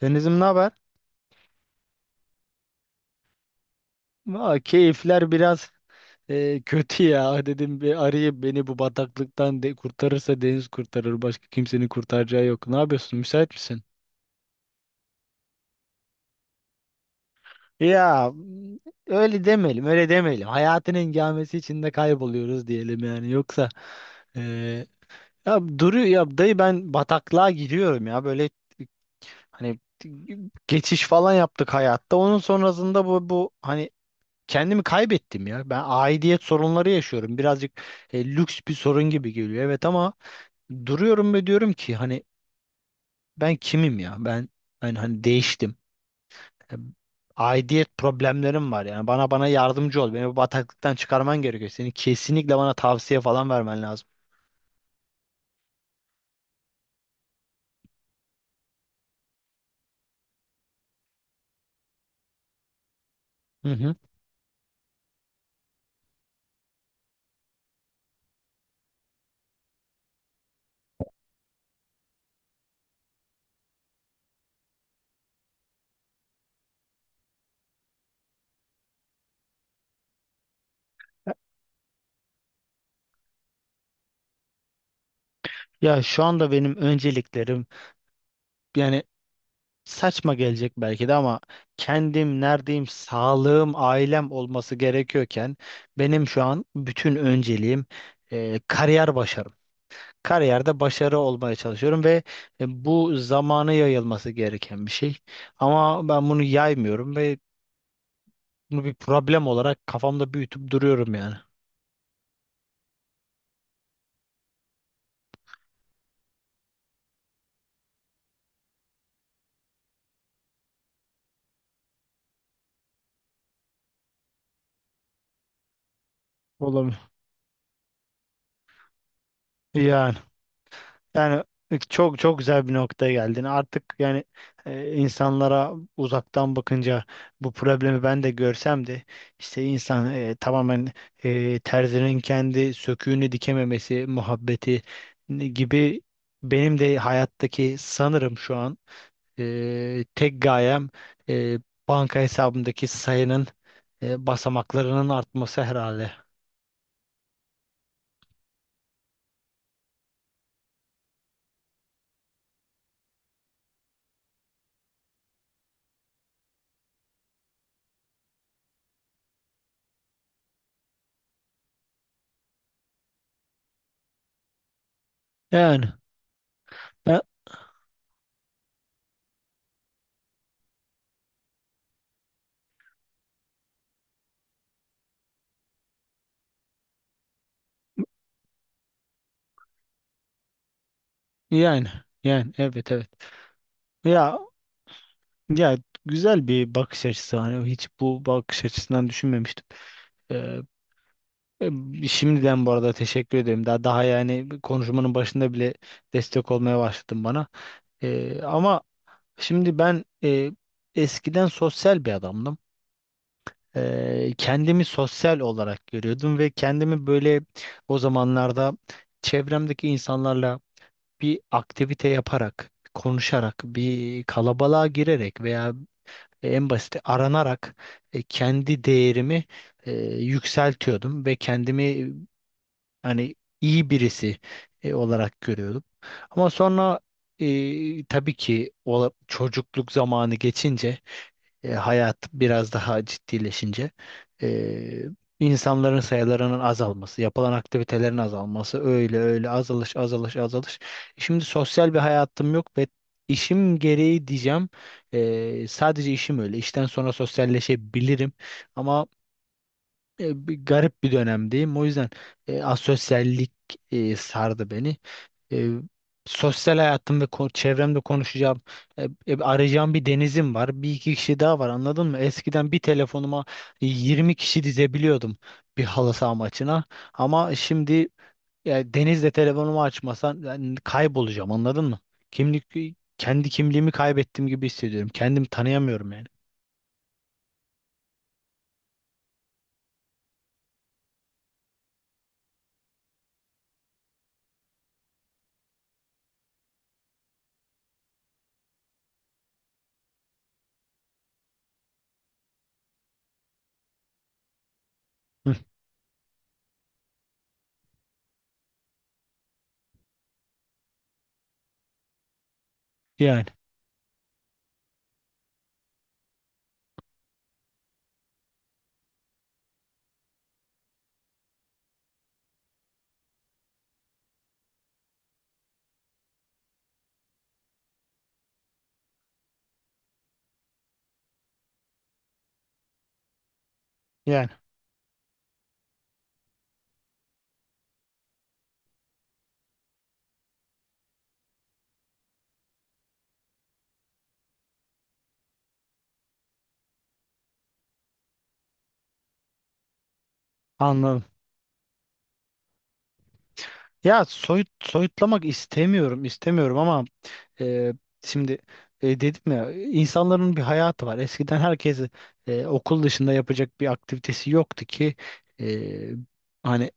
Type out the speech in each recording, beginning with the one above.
Denizim ne haber? Aa, keyifler biraz kötü ya. Dedim bir arayayım beni bu bataklıktan de kurtarırsa Deniz kurtarır. Başka kimsenin kurtaracağı yok. Ne yapıyorsun? Müsait misin? Ya öyle demeyelim, öyle demeyelim. Hayatın engamesi içinde kayboluyoruz diyelim yani. Yoksa e, ya duruyor ya dayı ben bataklığa gidiyorum ya böyle hani geçiş falan yaptık hayatta. Onun sonrasında bu hani kendimi kaybettim ya. Ben aidiyet sorunları yaşıyorum. Birazcık lüks bir sorun gibi geliyor. Evet ama duruyorum ve diyorum ki hani ben kimim ya? Ben hani değiştim. E, Aidiyet problemlerim var yani. Bana yardımcı ol. Beni bu bataklıktan çıkarman gerekiyor. Seni kesinlikle bana tavsiye falan vermen lazım. Hı hı. Ya şu anda benim önceliklerim yani saçma gelecek belki de ama kendim neredeyim, sağlığım, ailem olması gerekiyorken benim şu an bütün önceliğim kariyer başarım. Kariyerde başarı olmaya çalışıyorum ve bu zamanı yayılması gereken bir şey. Ama ben bunu yaymıyorum ve bunu bir problem olarak kafamda büyütüp duruyorum yani. Olamıyor. Yani. Yani çok çok güzel bir noktaya geldin. Artık yani insanlara uzaktan bakınca bu problemi ben de görsem de işte insan tamamen terzinin kendi söküğünü dikememesi muhabbeti gibi benim de hayattaki sanırım şu an tek gayem e, banka hesabımdaki sayının basamaklarının artması herhalde. Yani e, yani yani evet evet. Ya Ya güzel bir bakış açısı hani hiç bu bakış açısından düşünmemiştim. Ee, şimdiden bu arada teşekkür ederim. Daha daha yani konuşmanın başında bile destek olmaya başladın bana. Ama şimdi ben eskiden sosyal bir adamdım. Kendimi sosyal olarak görüyordum ve kendimi böyle o zamanlarda çevremdeki insanlarla bir aktivite yaparak, konuşarak, bir kalabalığa girerek veya en basit aranarak kendi değerimi e, yükseltiyordum ve kendimi hani iyi birisi olarak görüyordum. Ama sonra tabii ki çocukluk zamanı geçince hayat biraz daha ciddileşince e, insanların sayılarının azalması, yapılan aktivitelerin azalması, öyle öyle azalış azalış azalış. Şimdi sosyal bir hayatım yok ve işim gereği diyeceğim. Sadece işim öyle. İşten sonra sosyalleşebilirim ama bir garip bir dönemdeyim. O yüzden asosyallik sardı beni. E, sosyal hayatım ve çevremde konuşacağım, arayacağım bir denizim var. Bir iki kişi daha var anladın mı? Eskiden bir telefonuma 20 kişi dizebiliyordum bir halı saha maçına. Ama şimdi ya, denizle telefonumu açmasan ben kaybolacağım anladın mı? Kimlik kendi kimliğimi kaybettiğim gibi hissediyorum. Kendimi tanıyamıyorum yani. Hı, yani yani anladım. Ya soyutlamak istemiyorum istemiyorum ama Ee, şimdi dedim ya insanların bir hayatı var. Eskiden herkes okul dışında yapacak bir aktivitesi yoktu ki e, hani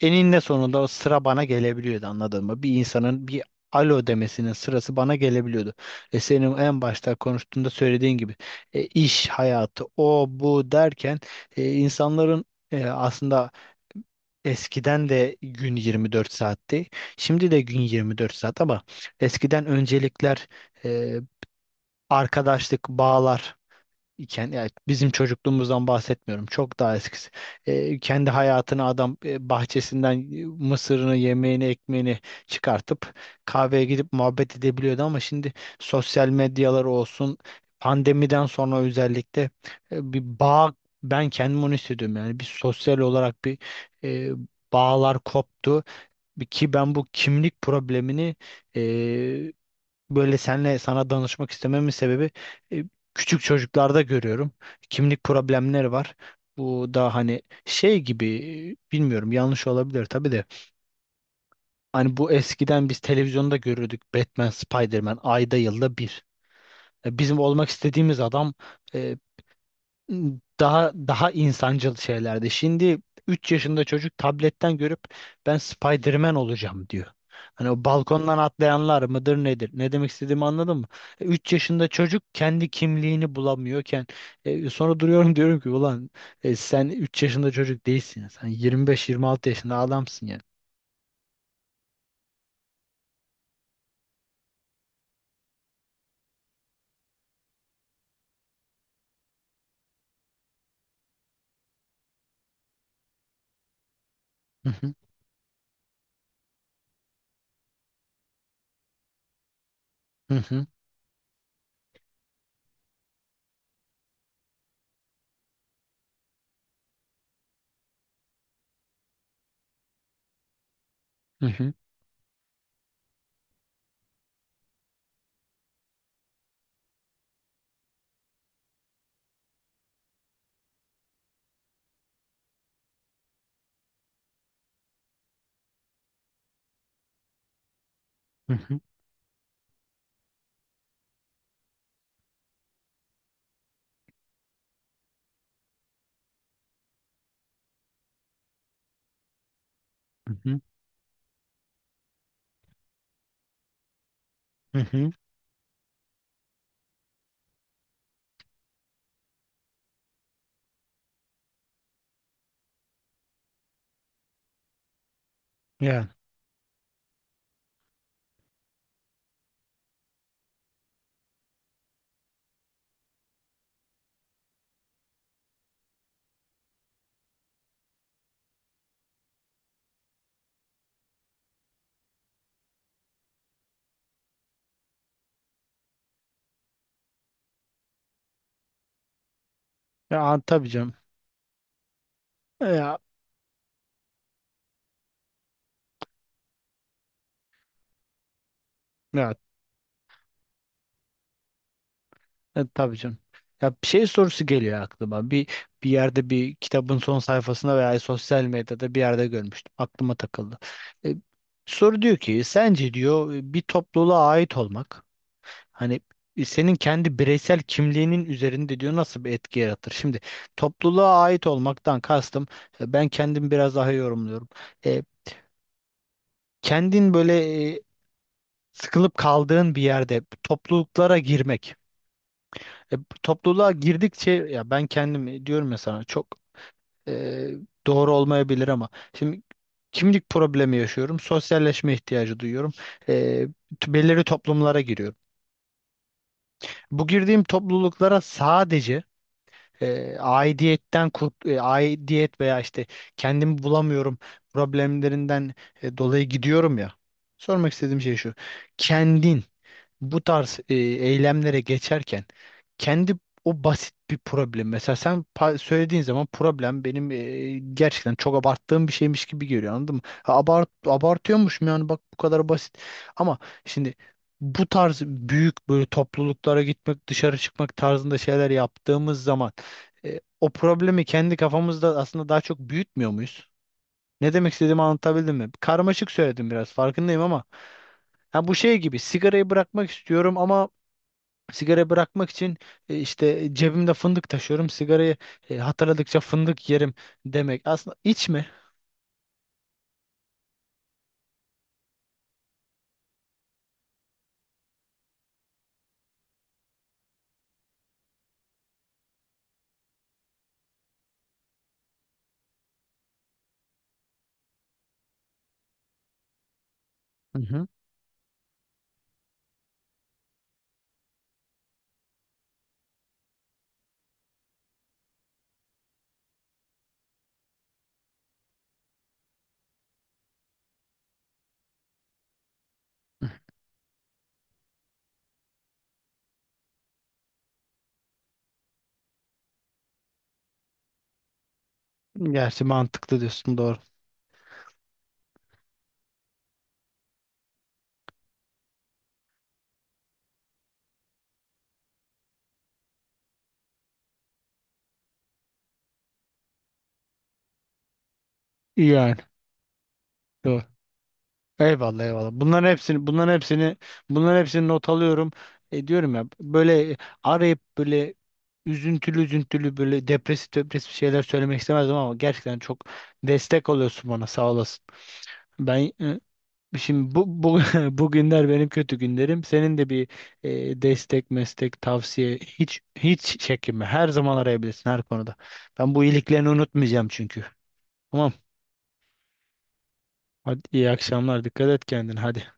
eninde sonunda o sıra bana gelebiliyordu anladın mı? Bir insanın bir alo demesinin sırası bana gelebiliyordu. Senin en başta konuştuğunda söylediğin gibi iş hayatı o bu derken insanların aslında eskiden de gün 24 saatti. Şimdi de gün 24 saat ama eskiden öncelikler, e, arkadaşlık, bağlar iken yani bizim çocukluğumuzdan bahsetmiyorum. Çok daha eskisi. Kendi hayatını adam bahçesinden mısırını, yemeğini, ekmeğini çıkartıp kahveye gidip muhabbet edebiliyordu ama şimdi sosyal medyalar olsun pandemiden sonra özellikle bir bağ ben kendim onu hissediyorum yani bir sosyal olarak bir e, bağlar koptu ki ben bu kimlik problemini e, böyle senle sana danışmak istememin sebebi e, küçük çocuklarda görüyorum. Kimlik problemleri var. Bu da hani şey gibi bilmiyorum yanlış olabilir tabii de. Hani bu eskiden biz televizyonda görürdük Batman, Spider-Man ayda yılda bir. Bizim olmak istediğimiz adam e, daha daha insancıl şeylerdi. Şimdi 3 yaşında çocuk tabletten görüp ben Spider-Man olacağım diyor. Hani o balkondan atlayanlar mıdır nedir? Ne demek istediğimi anladın mı? Üç yaşında çocuk kendi kimliğini bulamıyorken sonra duruyorum diyorum ki ulan sen 3 yaşında çocuk değilsin ya. Sen 26 yaşında adamsın yani. Hı hı hı hı hı hı hı hı hı hı. Hı. Ya, ya tabii canım. Ya, ya tabii canım. Ya bir şey sorusu geliyor aklıma. Bir yerde bir kitabın son sayfasında veya sosyal medyada bir yerde görmüştüm. Aklıma takıldı. E, soru diyor ki sence diyor bir topluluğa ait olmak hani senin kendi bireysel kimliğinin üzerinde diyor nasıl bir etki yaratır? Şimdi topluluğa ait olmaktan kastım ben kendim biraz daha yorumluyorum. E, kendin böyle sıkılıp kaldığın bir yerde topluluklara girmek. E, topluluğa girdikçe ya ben kendim diyorum ya sana çok e, doğru olmayabilir ama şimdi kimlik problemi yaşıyorum. Sosyalleşme ihtiyacı duyuyorum. E, belirli toplumlara giriyorum. Bu girdiğim topluluklara sadece aidiyetten aidiyet veya işte kendimi bulamıyorum problemlerinden dolayı gidiyorum ya. Sormak istediğim şey şu. Kendin bu tarz eylemlere geçerken kendi o basit bir problem mesela sen söylediğin zaman problem benim gerçekten çok abarttığım bir şeymiş gibi geliyor anladın mı? Ha, abartıyormuşum yani bak bu kadar basit ama şimdi bu tarz büyük böyle topluluklara gitmek dışarı çıkmak tarzında şeyler yaptığımız zaman o problemi kendi kafamızda aslında daha çok büyütmüyor muyuz? Ne demek istediğimi anlatabildim mi? Karmaşık söyledim biraz farkındayım ama ha bu şey gibi sigarayı bırakmak istiyorum ama sigara bırakmak için cebimde fındık taşıyorum. Sigarayı hatırladıkça fındık yerim demek. Aslında içme. Hı hı. Gerçi mantıklı diyorsun doğru. Yani doğru. Eyvallah eyvallah. Bunların hepsini not alıyorum. Diyorum ya böyle arayıp böyle üzüntülü üzüntülü böyle depresif depresif şeyler söylemek istemezdim ama gerçekten çok destek oluyorsun bana sağ olasın. Ben şimdi bu bugünler benim kötü günlerim. Senin de bir destek, meslek, tavsiye hiç hiç çekinme. Her zaman arayabilirsin her konuda. Ben bu iyiliklerini unutmayacağım çünkü. Tamam. Hadi iyi akşamlar. Dikkat et kendine. Hadi.